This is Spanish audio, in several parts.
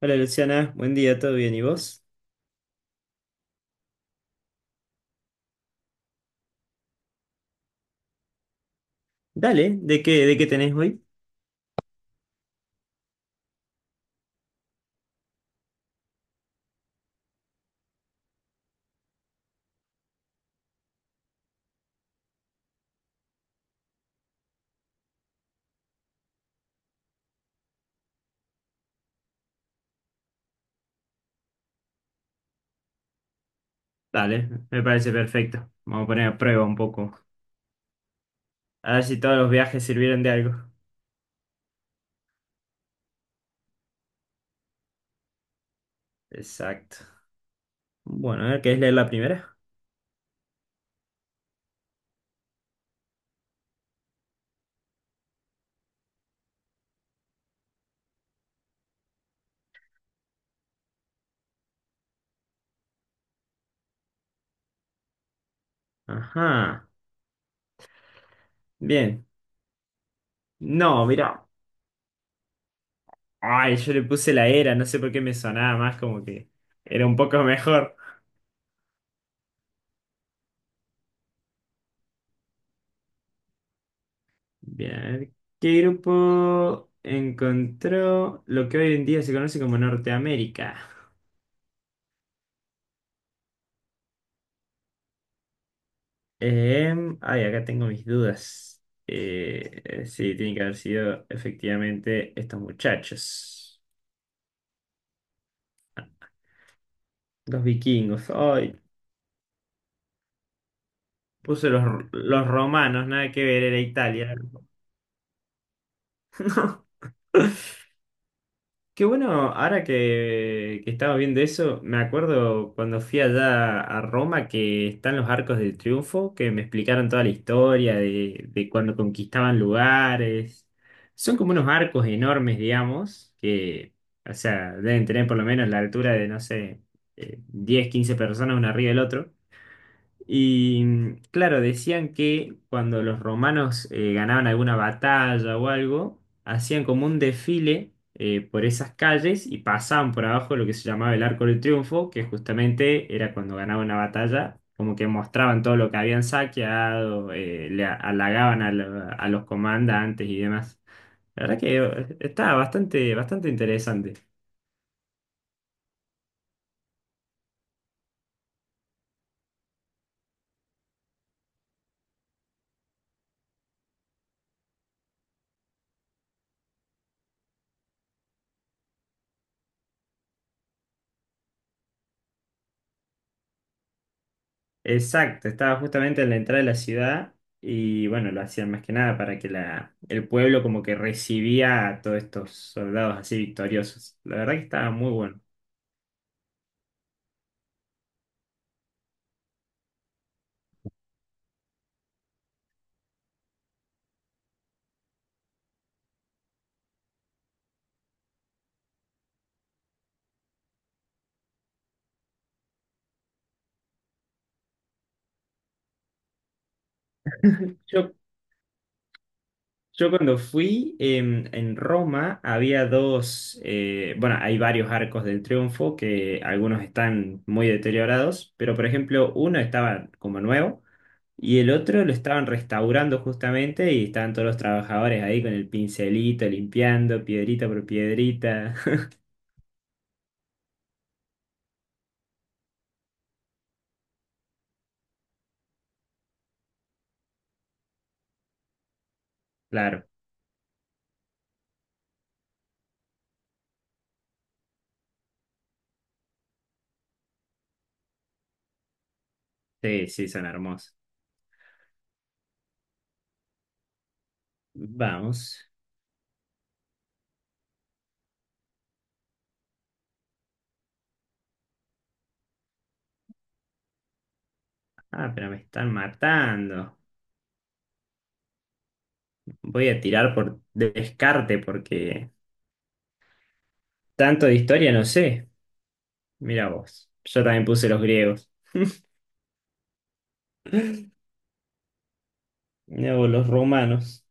Hola Luciana, buen día, ¿todo bien? ¿Y vos? Dale, ¿de qué tenés hoy? Dale, me parece perfecto. Vamos a poner a prueba un poco. A ver si todos los viajes sirvieron de algo. Exacto. Bueno, a ver, ¿querés leer la primera? Ajá, bien. No, mira. Ay, yo le puse la era, no sé por qué me sonaba más como que era un poco mejor. Bien, a ver, ¿qué grupo encontró lo que hoy en día se conoce como Norteamérica? Ay, acá tengo mis dudas. Sí, tiene que haber sido efectivamente estos muchachos, los vikingos. Ay, puse los romanos, nada que ver, era Italia. Qué bueno, ahora que estaba viendo eso, me acuerdo cuando fui allá a Roma que están los Arcos del Triunfo, que me explicaron toda la historia de cuando conquistaban lugares. Son como unos arcos enormes, digamos, que, o sea, deben tener por lo menos la altura de, no sé, 10, 15 personas uno arriba del otro. Y claro, decían que cuando los romanos ganaban alguna batalla o algo, hacían como un desfile por esas calles y pasaban por abajo lo que se llamaba el Arco del Triunfo, que justamente era cuando ganaban una batalla, como que mostraban todo lo que habían saqueado, halagaban a, a los comandantes y demás. La verdad que estaba bastante interesante. Exacto, estaba justamente en la entrada de la ciudad y bueno, lo hacían más que nada para que la, el pueblo como que recibía a todos estos soldados así victoriosos. La verdad que estaba muy bueno. Yo, yo cuando fui en Roma había dos, bueno, hay varios arcos del triunfo que algunos están muy deteriorados, pero por ejemplo uno estaba como nuevo y el otro lo estaban restaurando justamente y estaban todos los trabajadores ahí con el pincelito, limpiando piedrita por piedrita. Claro, sí, sí, son hermosos. Vamos. Ah, pero me están matando. Voy a tirar por descarte porque tanto de historia no sé. Mira vos. Yo también puse los griegos. Mirá vos, los romanos.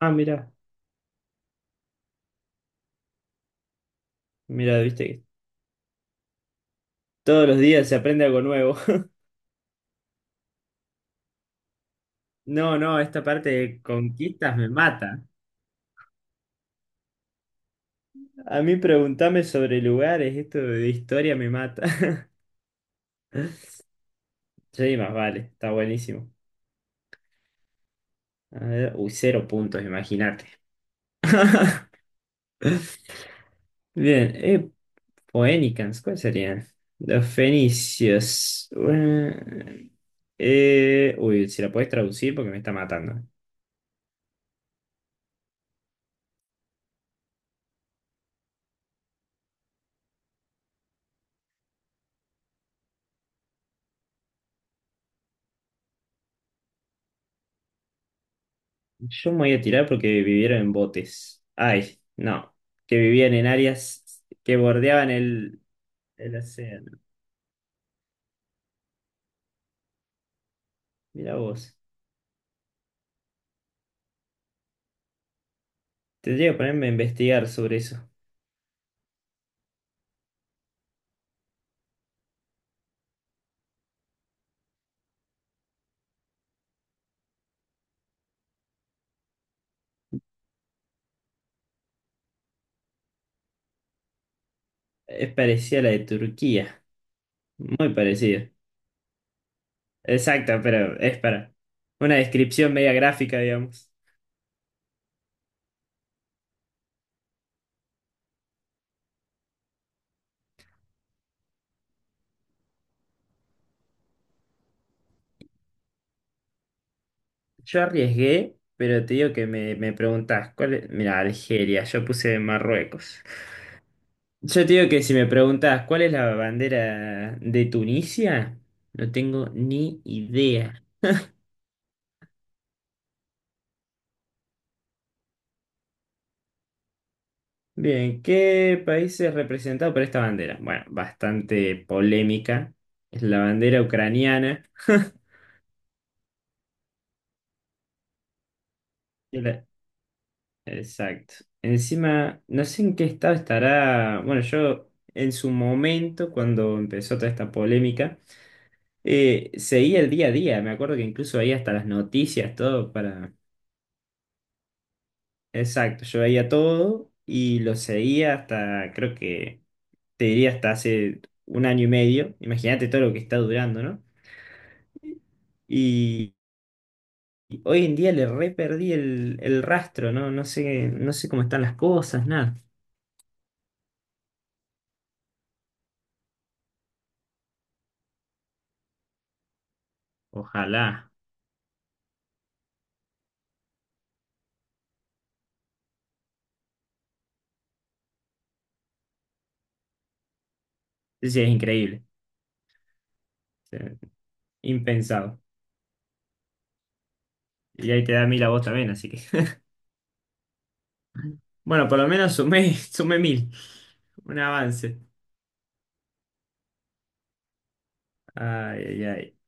Ah, mira, mira, viste que todos los días se aprende algo nuevo. No, no, esta parte de conquistas me mata. A mí preguntame sobre lugares, esto de historia me mata. Sí, más vale, está buenísimo. A ver, uy, cero puntos, imagínate. Bien, Phoenicians, ¿cuáles serían? Los fenicios. Uy, si la podés traducir porque me está matando. Yo me voy a tirar porque vivieron en botes. Ay, no. Que vivían en áreas que bordeaban el océano. Mira vos. Tendría que ponerme a investigar sobre eso. Es parecida a la de Turquía. Muy parecida. Exacto, pero es para una descripción media gráfica, digamos. Yo arriesgué, pero te digo que me preguntás, ¿cuál es? Mira, Algeria, yo puse Marruecos. Yo te digo que si me preguntás, ¿cuál es la bandera de Tunisia? No tengo ni idea. Bien, ¿qué país es representado por esta bandera? Bueno, bastante polémica. Es la bandera ucraniana. Y la- Exacto. Encima, no sé en qué estado estará. Bueno, yo en su momento, cuando empezó toda esta polémica. Seguía el día a día, me acuerdo que incluso veía hasta las noticias, todo para... Exacto, yo veía todo y lo seguía hasta, creo que, te diría hasta hace 1 año y medio, imagínate todo lo que está durando, ¿no? Y, y hoy en día le re perdí el rastro, ¿no? No sé, no sé cómo están las cosas, nada. Ojalá. Sí, es increíble, o sea, impensado. Y ahí te da 1000 a vos también, así que... Bueno, por lo menos sumé, sumé 1000, un avance. Ay, ay, ay.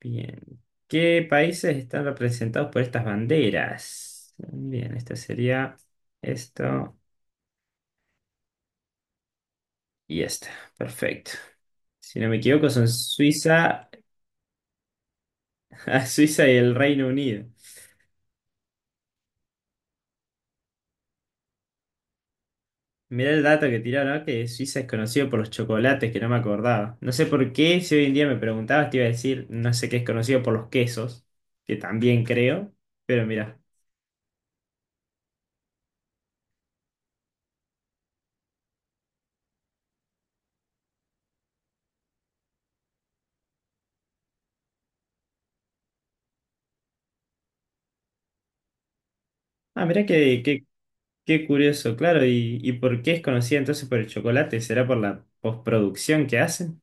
Bien. ¿Qué países están representados por estas banderas? Bien, esta sería esto y esta. Perfecto. Si no me equivoco, son Suiza, Suiza y el Reino Unido. Mirá el dato que tiraron, ¿no? Que Suiza es conocido por los chocolates, que no me acordaba. No sé por qué, si hoy en día me preguntabas, te iba a decir, no sé qué es conocido por los quesos, que también creo, pero mirá. Ah, mirá, qué curioso, claro. Y por qué es conocida entonces por el chocolate? ¿Será por la postproducción que hacen?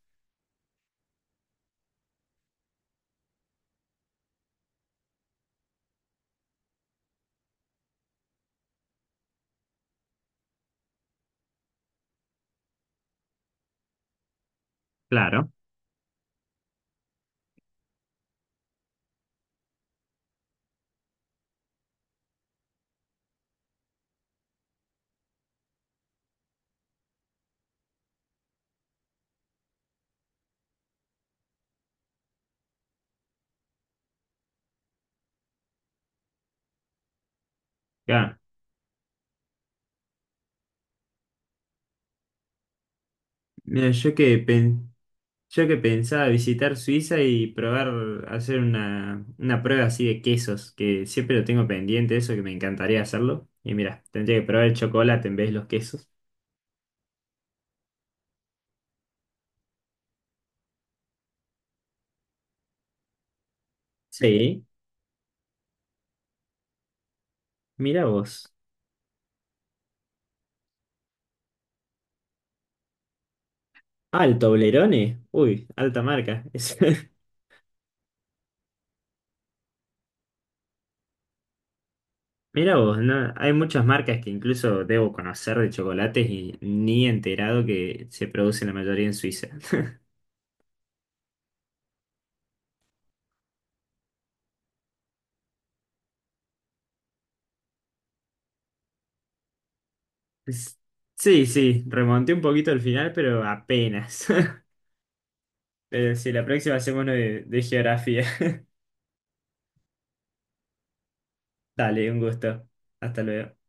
Claro. Ya. Mira, yo que pensaba visitar Suiza y probar, hacer una prueba así de quesos, que siempre lo tengo pendiente, eso que me encantaría hacerlo. Y mira, tendría que probar el chocolate en vez de los quesos. Sí. Mira vos. Ah, el Toblerone. Uy, alta marca. Mira vos, ¿no? Hay muchas marcas que incluso debo conocer de chocolates y ni he enterado que se producen la mayoría en Suiza. S- Sí, sí, remonté un poquito al final, pero apenas. Pero sí, la próxima hacemos uno de geografía. Dale, un gusto. Hasta luego.